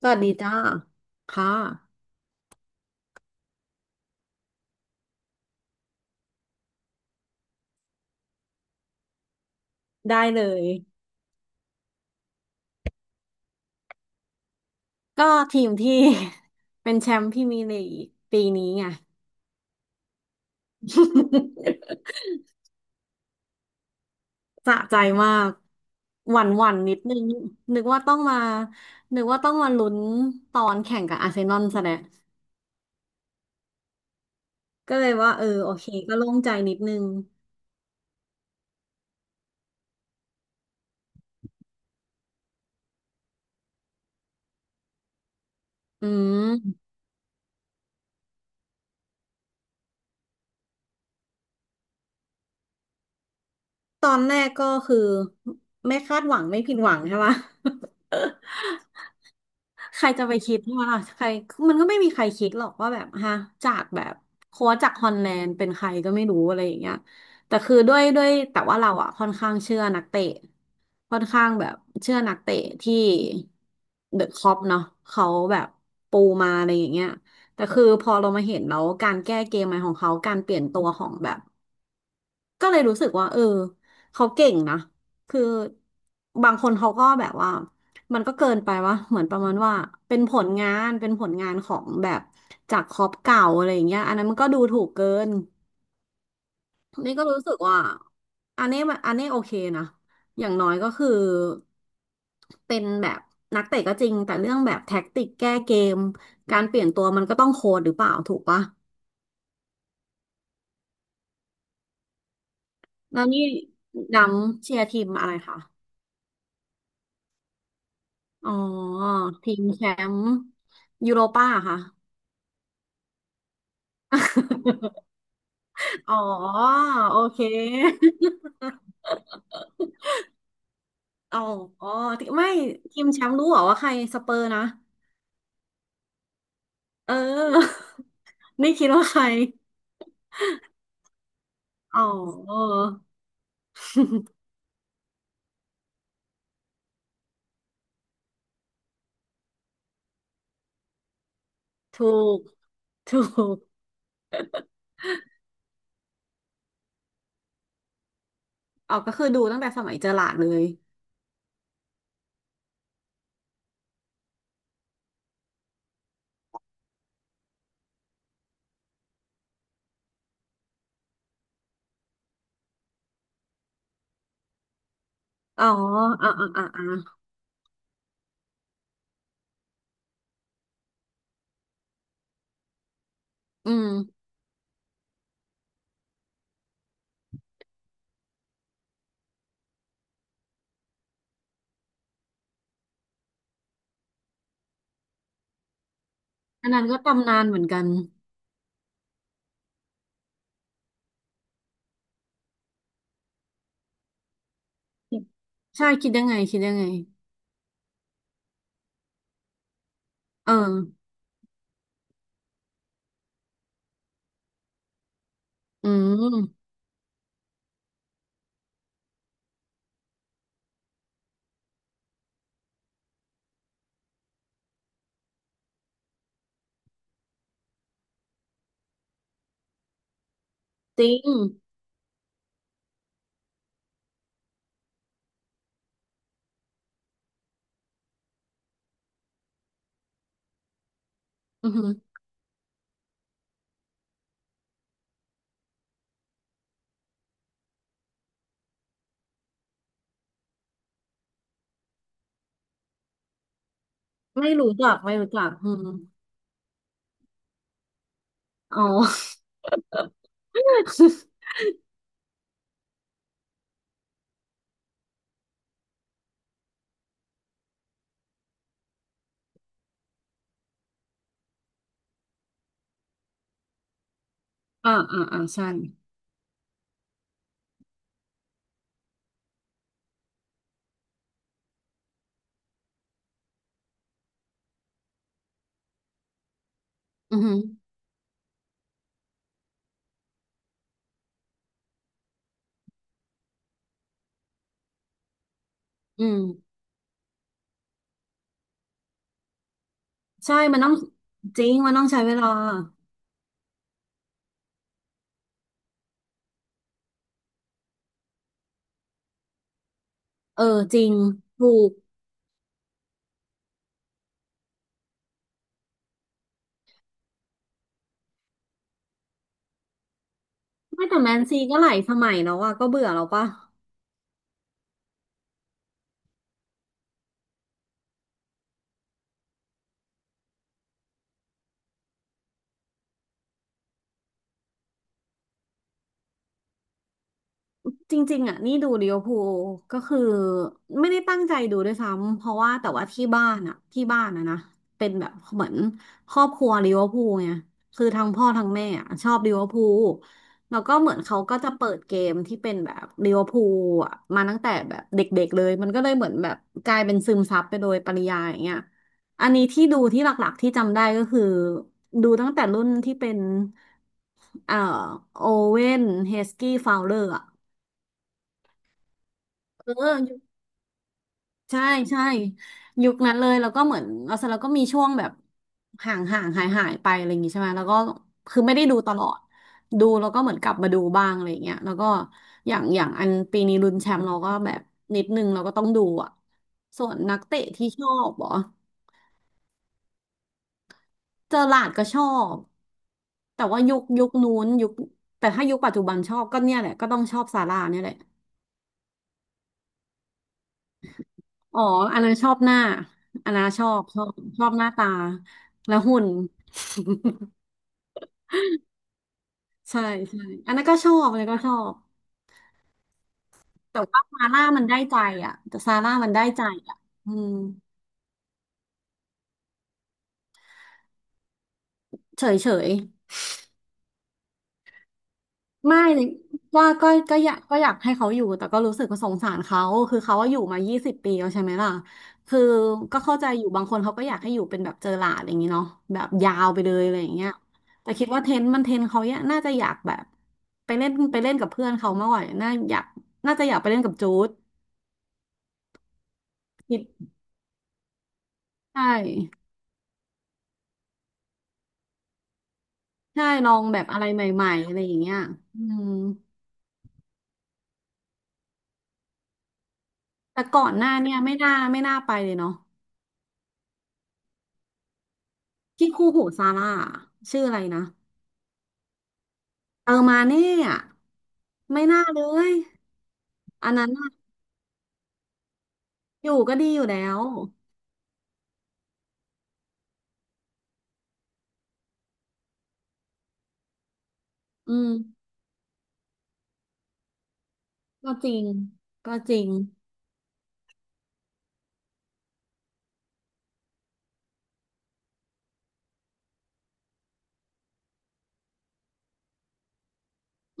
สวัสดีจ้าค่ะได้เลยก็ทีมที่ เป็นแชมป์พรีเมียร์ลีกปีนี้ไง สะใจมากหวั่นหวั่นนิดนึงนึกว่าต้องมานึกว่าต้องมาลุ้นตอนแข่งกับอาร์เซนอลซะแล้วก็เลยว่าเออโอเคก็โล่งใจนิดนึงอืมตอนแรกก็คือไม่คาดหวังไม่ผิดหวังใช่ปะ ใครจะไปคิดว่าล่ะใครมันก็ไม่มีใครคิดหรอกว่าแบบฮะจากแบบโค้ชจากฮอลแลนด์เป็นใครก็ไม่รู้อะไรอย่างเงี้ยแต่คือด้วยแต่ว่าเราอ่ะค่อนข้างเชื่อนักเตะค่อนข้างแบบเชื่อนักเตะที่เดอะคล็อปเนาะเขาแบบปูมาอะไรอย่างเงี้ยแต่คือพอเรามาเห็นแล้วการแก้เกมใหม่ของเขาการเปลี่ยนตัวของแบบ ก็เลยรู้สึกว่าเออเขาเก่งนะคือบางคนเขาก็แบบว่ามันก็เกินไปว่าเหมือนประมาณว่าเป็นผลงานของแบบจากคอปเก่าอะไรอย่างเงี้ยอันนั้นมันก็ดูถูกเกินนี่ก็รู้สึกว่าอันนี้โอเคนะอย่างน้อยก็คือเป็นแบบนักเตะก็จริงแต่เรื่องแบบแท็กติกแก้เกมการเปลี่ยนตัวมันก็ต้องโค้ดหรือเปล่าถูกปะแล้วนี่ดำเชียร์ทีมอะไรคะ อ๋อทีมแชมป์ยูโรป้าค่ะ อ๋อโอเค อ๋ออ๋อที่ไม่ทีมแชมป์รู้เหรอว่าใครสเปอร์นะเออ นี่คิดว่าใครอ๋อ ถูกถูกอ๋อก็คือดูตั้งแต่สมัยเจอหลาดเลยอ๋ออ่ะอ่ะอ่ะอ่ะอืมอันนั้นก็ตำนานเหมือนกันใช่คิดยังไงเอออืมจริงอือหือ ไม่รู้จักไม่รู้จักอืมอ๋ออ่าอ่าอ่าใช่อือหืออืมใช่มันต้องจริงมันต้องใช้เวลาเออจริงถูกไม่แต่แมนซีก็หลายสมัยแล้วอะก็เบื่อแล้วปะ จริงๆอ่ะนี่ดูลิเวอร์พูลก็คือไม่ได้ตั้งใจดูด้วยซ้ำเพราะว่าแต่ว่าที่บ้านอ่ะนะเป็นแบบเหมือนครอบครัวลิเวอร์พูลไงคือทั้งพ่อทั้งแม่อ่ะชอบลิเวอร์พูลแล้วก็เหมือนเขาก็จะเปิดเกมที่เป็นแบบลิเวอร์พูลอ่ะมาตั้งแต่แบบเด็กๆเลยมันก็เลยเหมือนแบบกลายเป็นซึมซับไปโดยปริยายอย่างเงี้ยอันนี้ที่ดูที่หลักๆที่จำได้ก็คือดูตั้งแต่รุ่นที่เป็นเอ่อโอเว่นเฮสกี้ฟาวเลอร์ เออยุคใช่ใช่ยุคนั้นเลยแล้วก็เหมือนเราเสร็จแล้วก็มีช่วงแบบห่างห่างหายหายไปอะไรอย่างงี้ใช่ไหมแล้วก็คือไม่ได้ดูตลอดดูแล้วก็เหมือนกลับมาดูบ้างอะไรอย่างเงี้ยแล้วก็อย่างอันปีนี้ลุ้นแชมป์เราก็แบบนิดนึงเราก็ต้องดูอ่ะส่วนนักเตะที่ชอบเหรอเจอหลาร์ดก็ชอบแต่ว่ายุคยุคนู้นยุคแต่ถ้ายุคปัจจุบันชอบก็เนี่ยแหละก็ต้องชอบซาร่าเนี่ยแหละ อ๋ออันนั้นชอบหน้าอันนั้นชอบชอบหน้าตาและหุ่นใช่ใช่อันนั้นก็ชอบอันนั้นก็ชอบแต่ว่าซาร่ามันได้ใจอ่ะแต่ซาร่ามันได้ใจอ่ะอืมเฉยเฉย ไม่ก็อยากก็อยากให้เขาอยู่แต่ก็รู้สึกว่าสงสารเขาคือเขาว่าอยู่มายี่สิบปีแล้วใช่ไหมล่ะคือก็เข้าใจอยู่บางคนเขาก็อยากให้อยู่เป็นแบบเจอหลาดอย่างนี้เนาะแบบยาวไปเลยอะไรอย่างเงี้ยแต่คิดว่าเทนมันเทนเขาเนี่ยน่าจะอยากแบบไปเล่นกับเพื่อนเขามากกว่าน่าอยากน่าจะอยากไปเล่นกับจูดคิดใช่ใช่ลองแบบอะไรใหม่ๆอะไรอย่างเงี้ยอืมแต่ก่อนหน้าเนี่ยไม่น่าไปเลยเนาะที่คู่หูซาร่าชื่ออะไรนะเออมาเน่อะ ไม่น่าเลยอันนั้นน่ะอยู่ก็ดีอยู่แล้ว อืมก็จริงก็จริง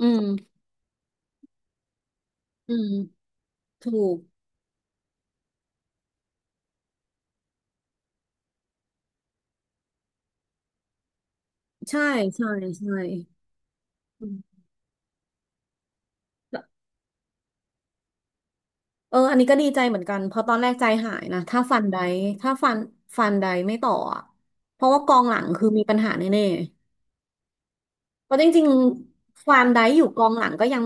อืมอืมถูกใช่ใช่ใช่อืมเอออันนี้ก็ดีใจเหมือนกันเพราะตอนแรกใจหายนะถ้าฟันไดถ้าฟันฟันไดไม่ต่ออะเพราะว่ากองหลังคือมีปัญหาแน่ๆเพราะจริงๆฟันไดอยู่กองหลังก็ยัง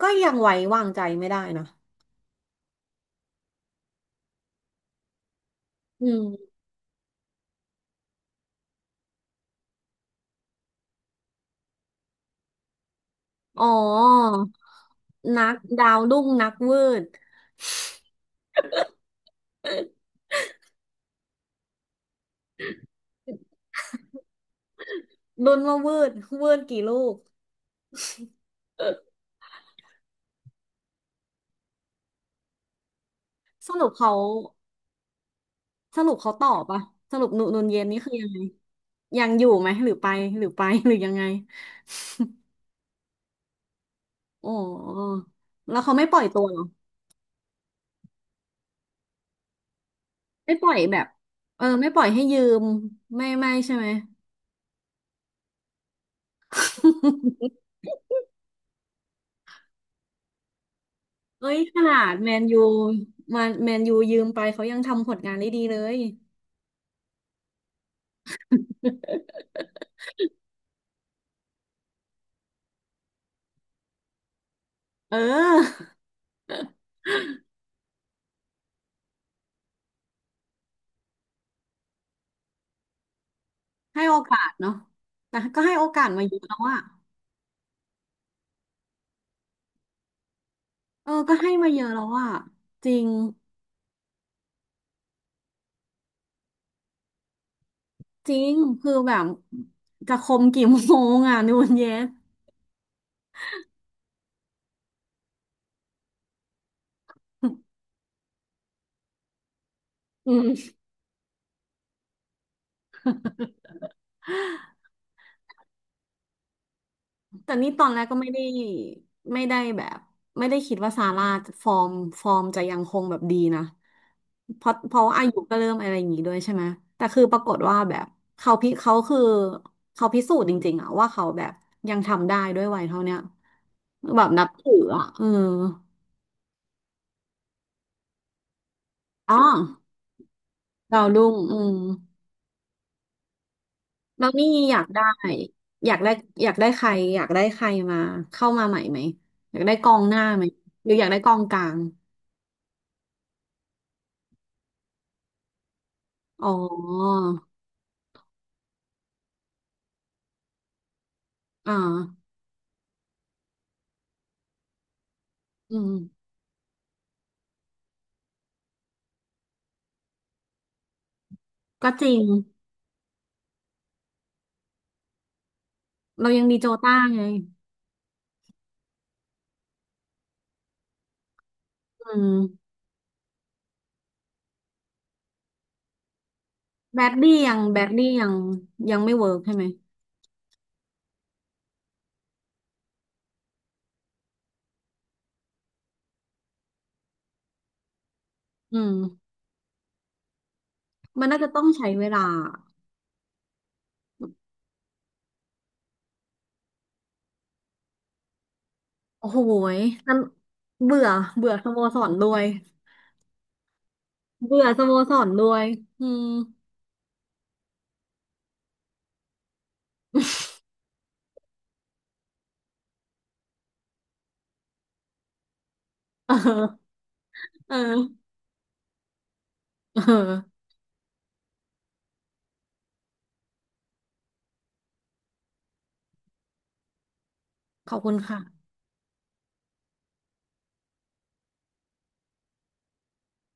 ก็ยังไว้วางใจไม่ได้นะอืมอ๋อนักดาวรุ่งนักวืด ลุ้นว่าวืดวืดกี่ลูกสรุปเขาสรุปเขาตอบปะสรุปนุนเย็นนี่คือยังไงยังอยู่ไหมหรือไปหรือไปหรือยังไง โอ้ แล้วเขาไม่ปล่อยตัวเหรอไม่ปล่อยแบบเออไม่ปล่อยให้ยืมไม่ใช่ไหม เอ้ยขนาดแมนยูมาแมนยูยืมไปเขายังทำผลงานได้ดีเลย เออให้โอกาสเนาะแต่ก็ให้โอกาสมาเยอะแล้วอะเออก็ให้มาเยอะแล้วอะจริง จริงคือแบบจะคมกี่โมงอ่ะนูนเยส อืมแต่นี่ตอนแรกก็ไม่ได้ไม่ได้แบบไม่ได้คิดว่าซาร่าจะฟอร์มฟอร์มจะยังคงแบบดีนะเพราะว่าอายุก็เริ่มอะไรอย่างงี้ด้วยใช่ไหมแต่คือปรากฏว่าแบบเขาพิเขาคือเขาพิสูจน์จริงๆอะว่าเขาแบบยังทำได้ด้วยวัยเท่าเนี้ยแบบนับถืออะเอออ๋อดาวรุ่งอืม แล้วนี่อยากได้อยากได้อยากได้ใครอยากได้ใครมาเข้ามาใหม่ไหมอยากได้กองหน้าไหมหรืออยากได้กองกลางอ๋ออ่าอืมก็จริงเรายังมีโจต้าไงอืมแบดดี้ยังยังไม่เวิร์กใช่ไหมอืมมันน่าจะต้องใช้เวลาโอ้โหยนั่นเบื่อเบื่อสโมสรด้วยเบื่อสโมสรด้วยอืม เออเออเออขอบคุณค่ะ